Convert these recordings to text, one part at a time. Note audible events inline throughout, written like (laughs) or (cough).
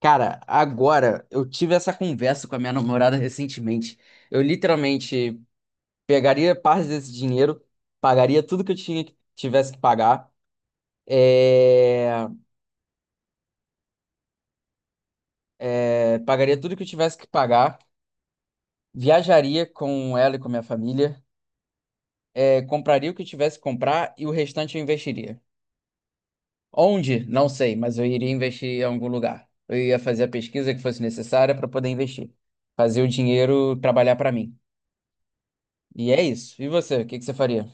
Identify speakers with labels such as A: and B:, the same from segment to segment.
A: Cara, agora eu tive essa conversa com a minha namorada recentemente. Eu literalmente pegaria parte desse dinheiro, pagaria tudo que eu tinha, tivesse que pagar, é, pagaria tudo que eu tivesse que pagar, viajaria com ela e com a minha família, compraria o que eu tivesse que comprar e o restante eu investiria. Onde? Não sei, mas eu iria investir em algum lugar. Eu ia fazer a pesquisa que fosse necessária para poder investir, fazer o dinheiro trabalhar para mim. E é isso. E você, o que que você faria?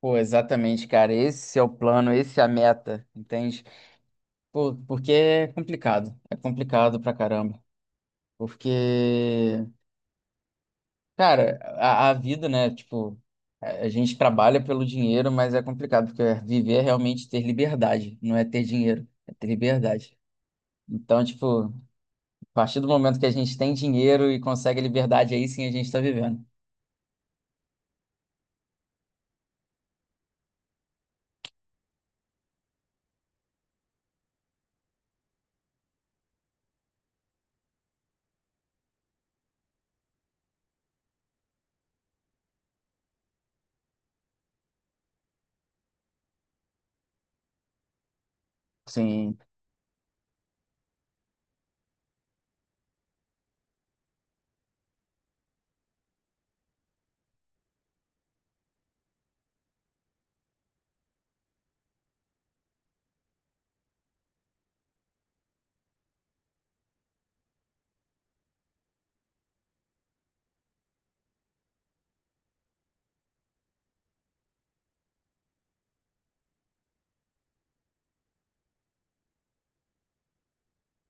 A: Pô, exatamente, cara. Esse é o plano, esse é a meta, entende? Pô, porque é complicado. É complicado pra caramba. Porque, cara, a vida, né? Tipo, a gente trabalha pelo dinheiro, mas é complicado, porque viver é realmente ter liberdade, não é ter dinheiro, é ter liberdade. Então, tipo, a partir do momento que a gente tem dinheiro e consegue liberdade, aí sim a gente tá vivendo. Sim,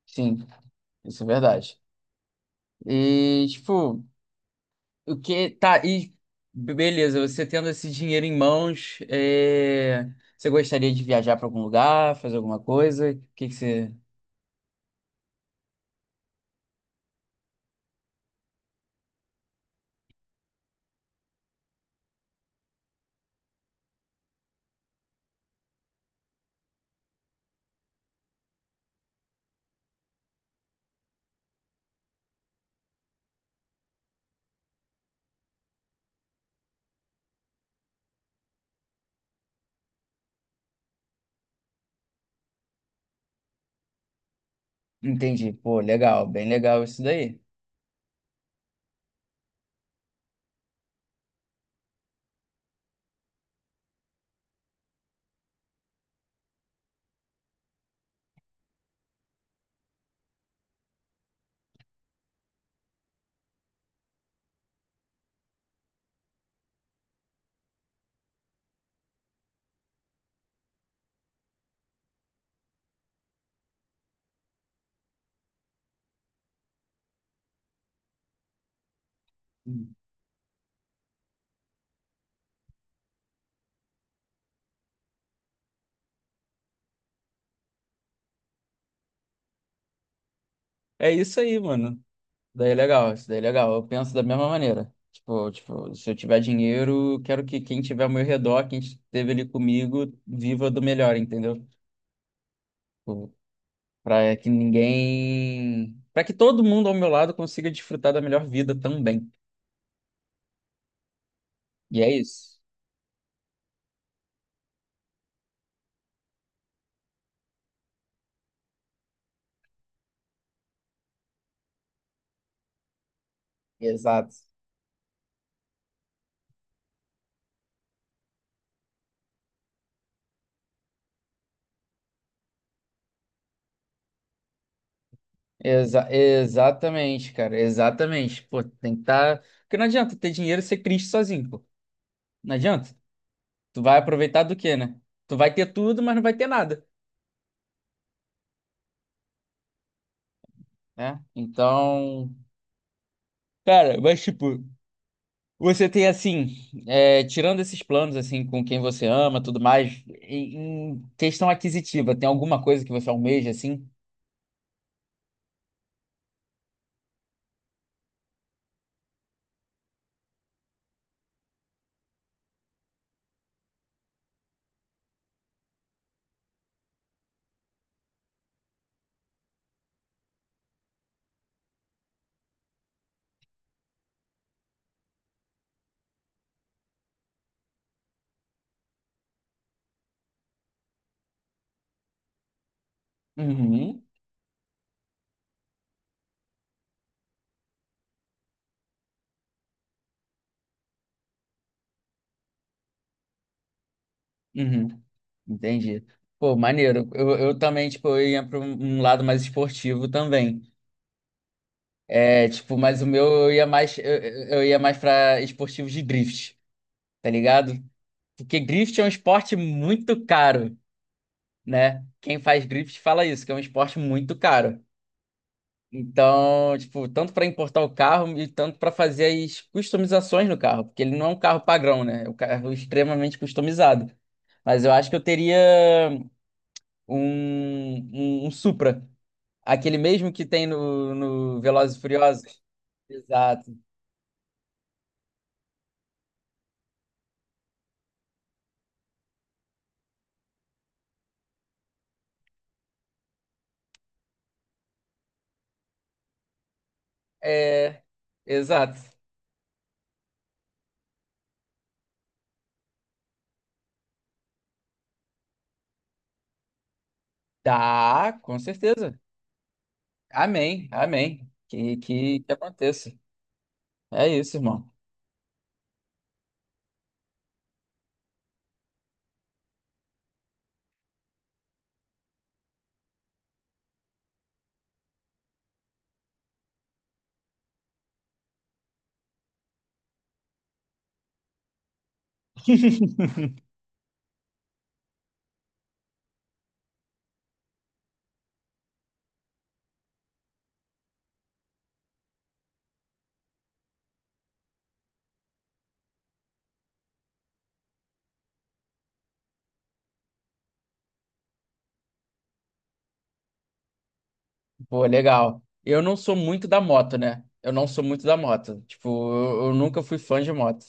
A: sim, isso é verdade. E, tipo. O que tá e beleza, você tendo esse dinheiro em mãos, você gostaria de viajar para algum lugar, fazer alguma coisa? O que que você entende? Pô, legal, bem legal isso daí. É isso aí, mano. Daí é legal, isso daí é legal. Eu penso da mesma maneira. Tipo, se eu tiver dinheiro, eu quero que quem tiver ao meu redor, quem esteve ali comigo, viva do melhor, entendeu? Para que ninguém, para que todo mundo ao meu lado consiga desfrutar da melhor vida também. E é isso. Exato. Exatamente, cara, exatamente. Pô, tem que estar. Porque não adianta ter dinheiro e ser triste sozinho, pô. Não adianta. Tu vai aproveitar do quê, né? Tu vai ter tudo, mas não vai ter nada, né? Então, cara, mas tipo, você tem assim, tirando esses planos assim com quem você ama, tudo mais, em questão aquisitiva, tem alguma coisa que você almeja assim? Uhum, uhum. Entendi. Pô, maneiro. Eu também, tipo, eu ia para um lado mais esportivo também. É, tipo, mas o meu eu ia mais, ia mais pra esportivos de drift, tá ligado? Porque drift é um esporte muito caro, né? Quem faz drift fala isso, que é um esporte muito caro. Então, tipo, tanto para importar o carro e tanto para fazer as customizações no carro, porque ele não é um carro padrão, né? É um carro extremamente customizado. Mas eu acho que eu teria um Supra, aquele mesmo que tem no Velozes e Furiosos. Exato. É, exato. Tá, com certeza. Amém, amém. Que aconteça. É isso, irmão. (laughs) Pô, legal. Eu não sou muito da moto, né? Eu não sou muito da moto. Tipo, eu nunca fui fã de moto.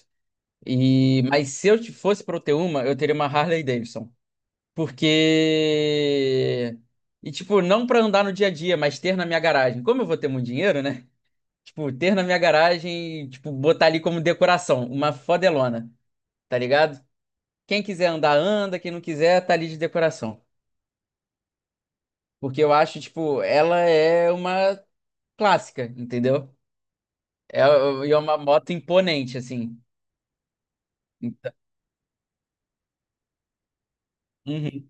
A: E, mas se eu te- fosse pra eu ter uma, eu teria uma Harley Davidson. Porque. E, tipo, não pra andar no dia a dia, mas ter na minha garagem. Como eu vou ter muito dinheiro, né? Tipo, ter na minha garagem, tipo, botar ali como decoração, uma fodelona. Tá ligado? Quem quiser andar, anda, quem não quiser, tá ali de decoração. Porque eu acho, tipo, ela é uma clássica, entendeu? É, e é uma moto imponente, assim. Uhum.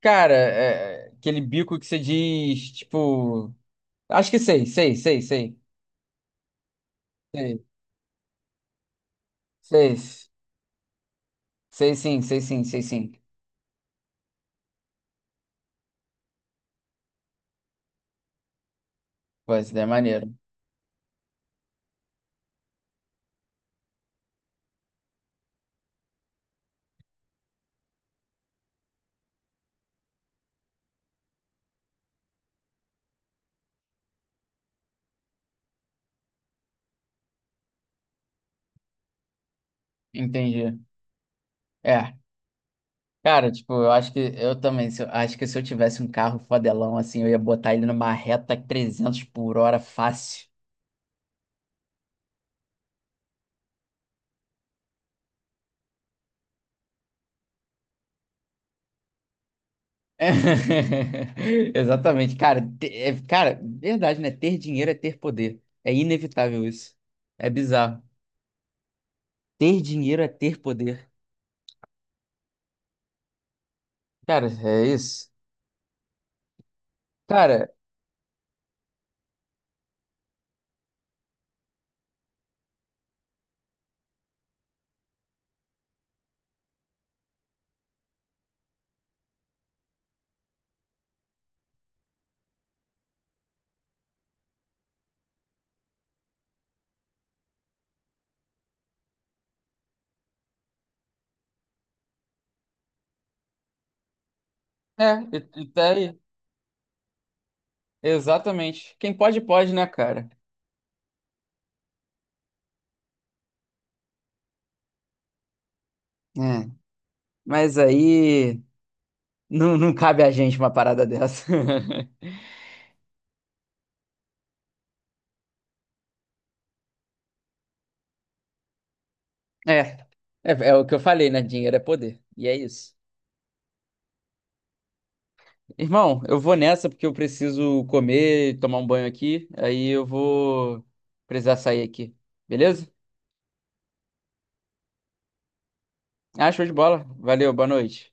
A: Cara, é, aquele bico que você diz, tipo. Acho que sei, sei, sei, sei. Sei, sei, sei sim, sei sim, sei sim. Pô, isso daí é maneiro. Entendi. É. Cara, tipo, eu acho que eu também, se eu- acho que se eu tivesse um carro fodelão assim, eu ia botar ele numa reta 300 por hora fácil. (laughs) Exatamente, cara, é, cara, verdade, né? Ter dinheiro é ter poder. É inevitável isso. É bizarro. Ter dinheiro é ter poder. Cara, é isso. Cara, é, e tá aí. Exatamente. Quem pode, pode, né, cara? É. Mas aí não cabe a gente uma parada dessa. (laughs) É, é o que eu falei, né? Dinheiro é poder. E é isso. Irmão, eu vou nessa porque eu preciso comer, tomar um banho aqui. Aí eu vou precisar sair aqui. Beleza? Ah, show de bola. Valeu, boa noite.